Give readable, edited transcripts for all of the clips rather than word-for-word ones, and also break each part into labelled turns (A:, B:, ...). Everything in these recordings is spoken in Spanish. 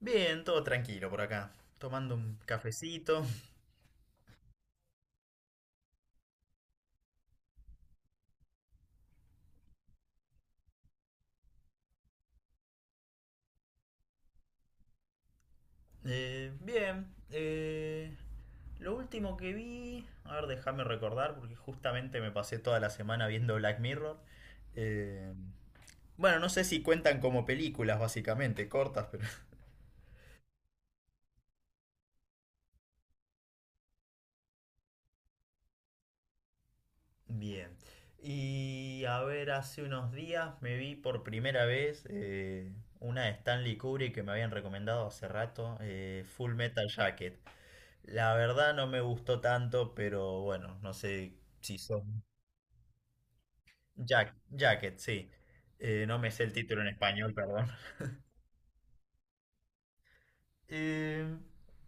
A: Bien, todo tranquilo por acá. Tomando un cafecito. Bien. Lo último que vi... A ver, déjame recordar porque justamente me pasé toda la semana viendo Black Mirror. Eh, bueno, no sé si cuentan como películas, básicamente, cortas, pero... Bien. Y a ver, hace unos días me vi por primera vez una de Stanley Kubrick que me habían recomendado hace rato, Full Metal Jacket. La verdad no me gustó tanto, pero bueno, no sé si son... Jack, Jacket, sí. No me sé el título en español, perdón. Eh,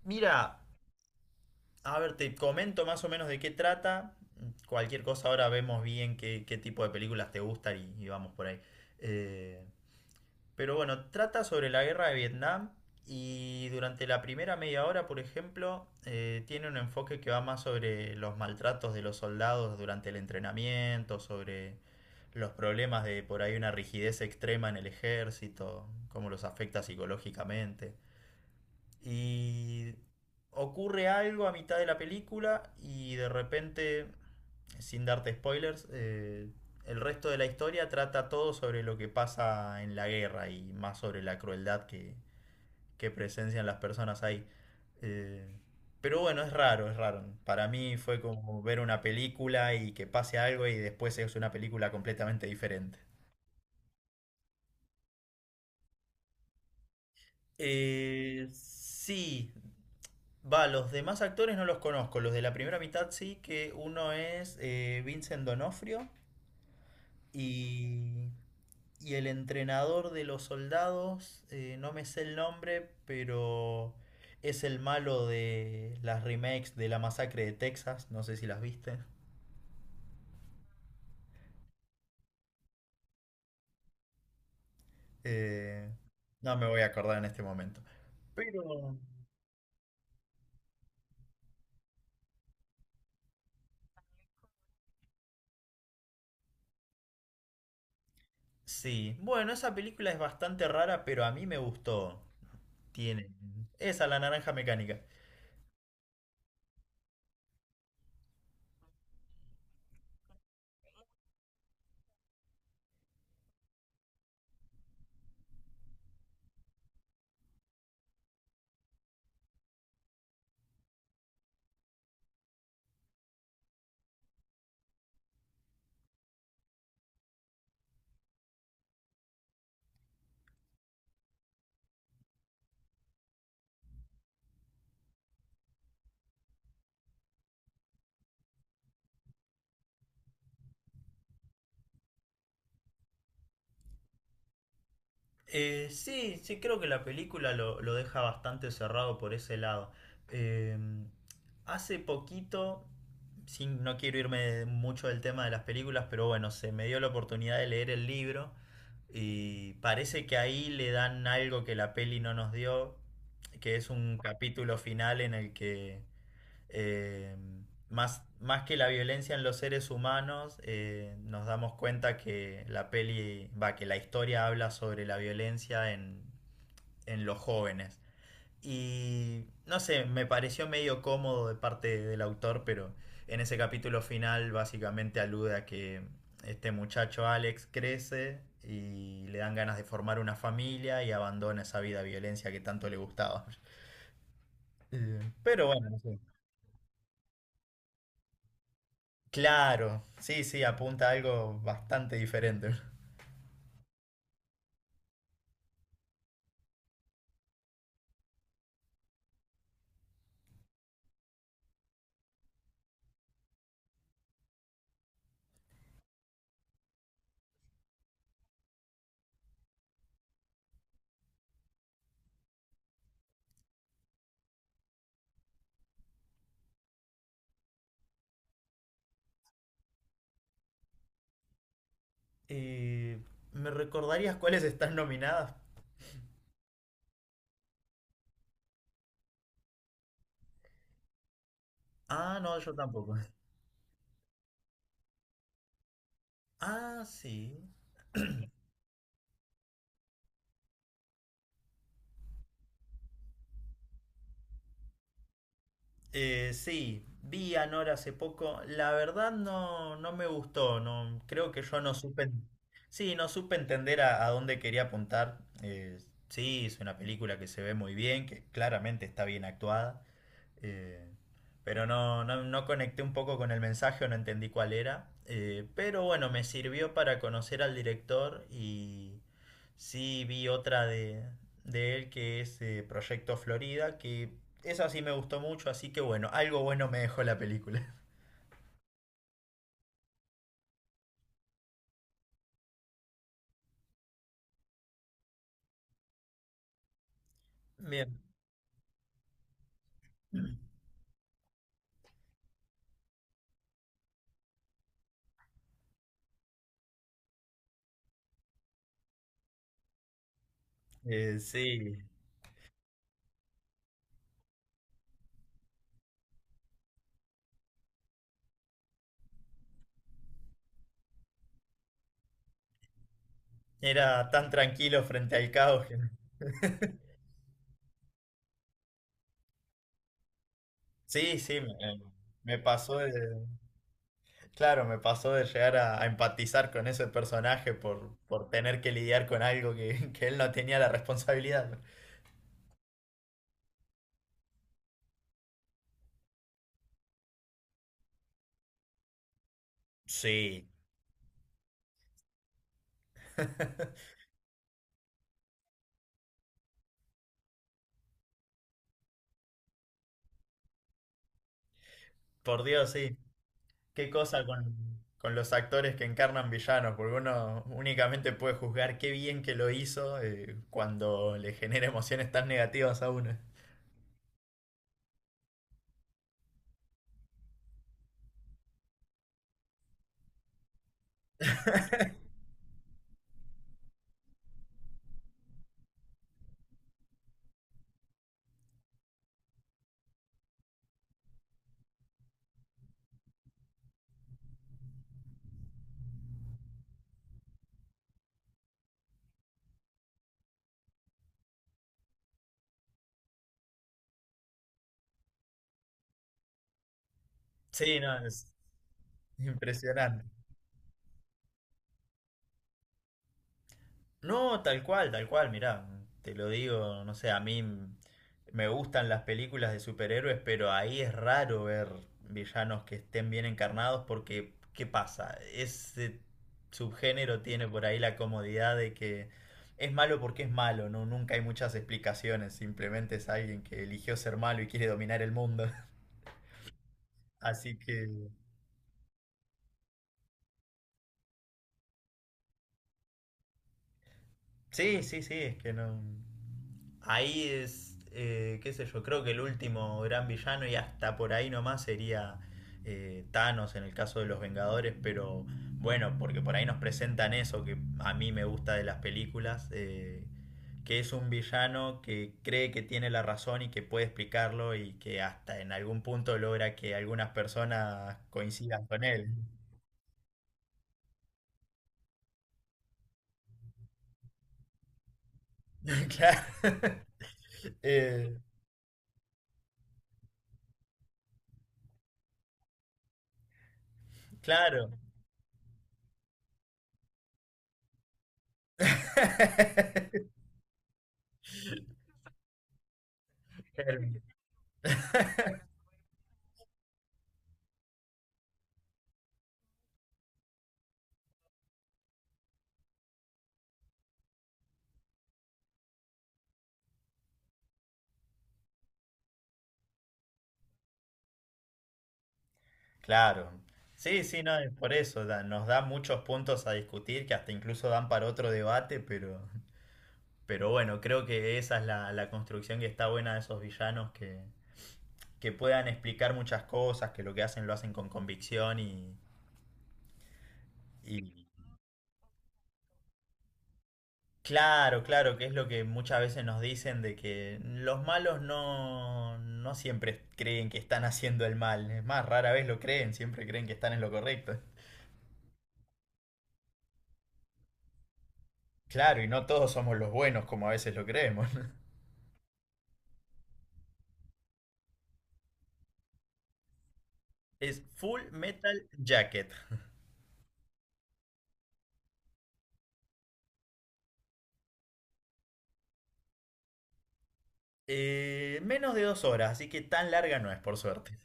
A: Mira, a ver, te comento más o menos de qué trata. Cualquier cosa ahora vemos bien qué tipo de películas te gustan y vamos por ahí. Eh, Pero bueno, trata sobre la guerra de Vietnam y durante la primera media hora, por ejemplo, tiene un enfoque que va más sobre los maltratos de los soldados durante el entrenamiento, sobre los problemas de por ahí una rigidez extrema en el ejército, cómo los afecta psicológicamente. Y ocurre algo a mitad de la película y de repente, sin darte spoilers, el resto de la historia trata todo sobre lo que pasa en la guerra y más sobre la crueldad que presencian las personas ahí. Eh, pero bueno, es raro, es raro. Para mí fue como ver una película y que pase algo y después es una película completamente diferente. Sí, va, los demás actores no los conozco. Los de la primera mitad sí, que uno es Vincent Donofrio y, y el entrenador de los soldados, no me sé el nombre, pero es el malo de las remakes de la masacre de Texas. No sé si las viste. Eh, no me voy a acordar en este momento. Pero sí, bueno, esa película es bastante rara, pero a mí me gustó. Tiene. Esa, la naranja mecánica. Sí, sí, creo que la película lo deja bastante cerrado por ese lado. Eh, Hace poquito, sin, no quiero irme mucho del tema de las películas, pero bueno, se me dio la oportunidad de leer el libro y parece que ahí le dan algo que la peli no nos dio, que es un capítulo final en el que eh, más que la violencia en los seres humanos, nos damos cuenta que la peli, va, que la historia habla sobre la violencia en los jóvenes. Y no sé, me pareció medio cómodo de parte del autor, pero en ese capítulo final básicamente alude a que este muchacho Alex crece y le dan ganas de formar una familia y abandona esa vida violencia que tanto le gustaba. Pero bueno, no sé. Claro, sí, sí, apunta a algo bastante diferente. Eh, ¿Me recordarías cuáles están nominadas? Ah, no, yo tampoco. Ah, sí. Sí, vi a Nora hace poco. La verdad no, no me gustó. No, creo que yo no supe. Sí, no supe entender a dónde quería apuntar. Sí, es una película que se ve muy bien, que claramente está bien actuada. Eh, pero no, no, no conecté un poco con el mensaje o no entendí cuál era. Pero bueno, me sirvió para conocer al director y sí vi otra de él que es Proyecto Florida, que esa sí me gustó mucho, así que bueno, algo bueno me dejó la película. Bien. Sí, era tan tranquilo frente al caos que... Sí, me pasó de... Claro, me pasó de llegar a empatizar con ese personaje por tener que lidiar con algo que, que él no tenía la responsabilidad. Sí, por Dios, sí. Qué cosa con los actores que encarnan villanos, porque uno únicamente puede juzgar qué bien que lo hizo cuando le genera emociones tan negativas a uno. Sí, no, es impresionante. No, tal cual, mirá, te lo digo, no sé, me gustan las películas de superhéroes, pero ahí es raro ver villanos que estén bien encarnados porque, ¿qué pasa? Ese subgénero tiene por ahí la comodidad de que es malo porque es malo, ¿no? Nunca hay muchas explicaciones, simplemente es alguien que eligió ser malo y quiere dominar el mundo. Así que... Sí, sí, sí, es que no. Ahí es, qué sé yo, creo que el último gran villano y hasta por ahí nomás sería Thanos en el caso de los Vengadores, pero bueno, porque por ahí nos presentan eso que a mí me gusta de las películas, que es un villano que cree que tiene la razón y que puede explicarlo y que hasta en algún punto logra que algunas personas coincidan con él. Claro. Eh, claro. El- Claro. Sí, sí, no, es por eso da- nos da muchos puntos a discutir que hasta incluso dan para otro debate, pero bueno, creo que esa es la construcción que está buena de esos villanos que puedan explicar muchas cosas, que lo que hacen lo hacen con convicción y claro, claro, que es lo que muchas veces nos dicen de que los malos no, no siempre creen que están haciendo el mal, es más, rara vez lo creen, siempre creen que están en lo correcto. Claro, y no todos somos los buenos como a veces lo creemos. Es Full Metal Jacket. Menos de 2 horas, así que tan larga no es, por suerte.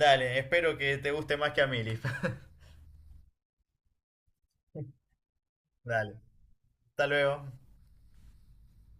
A: Dale, espero que te guste más que a mí, Liz. Dale, hasta luego.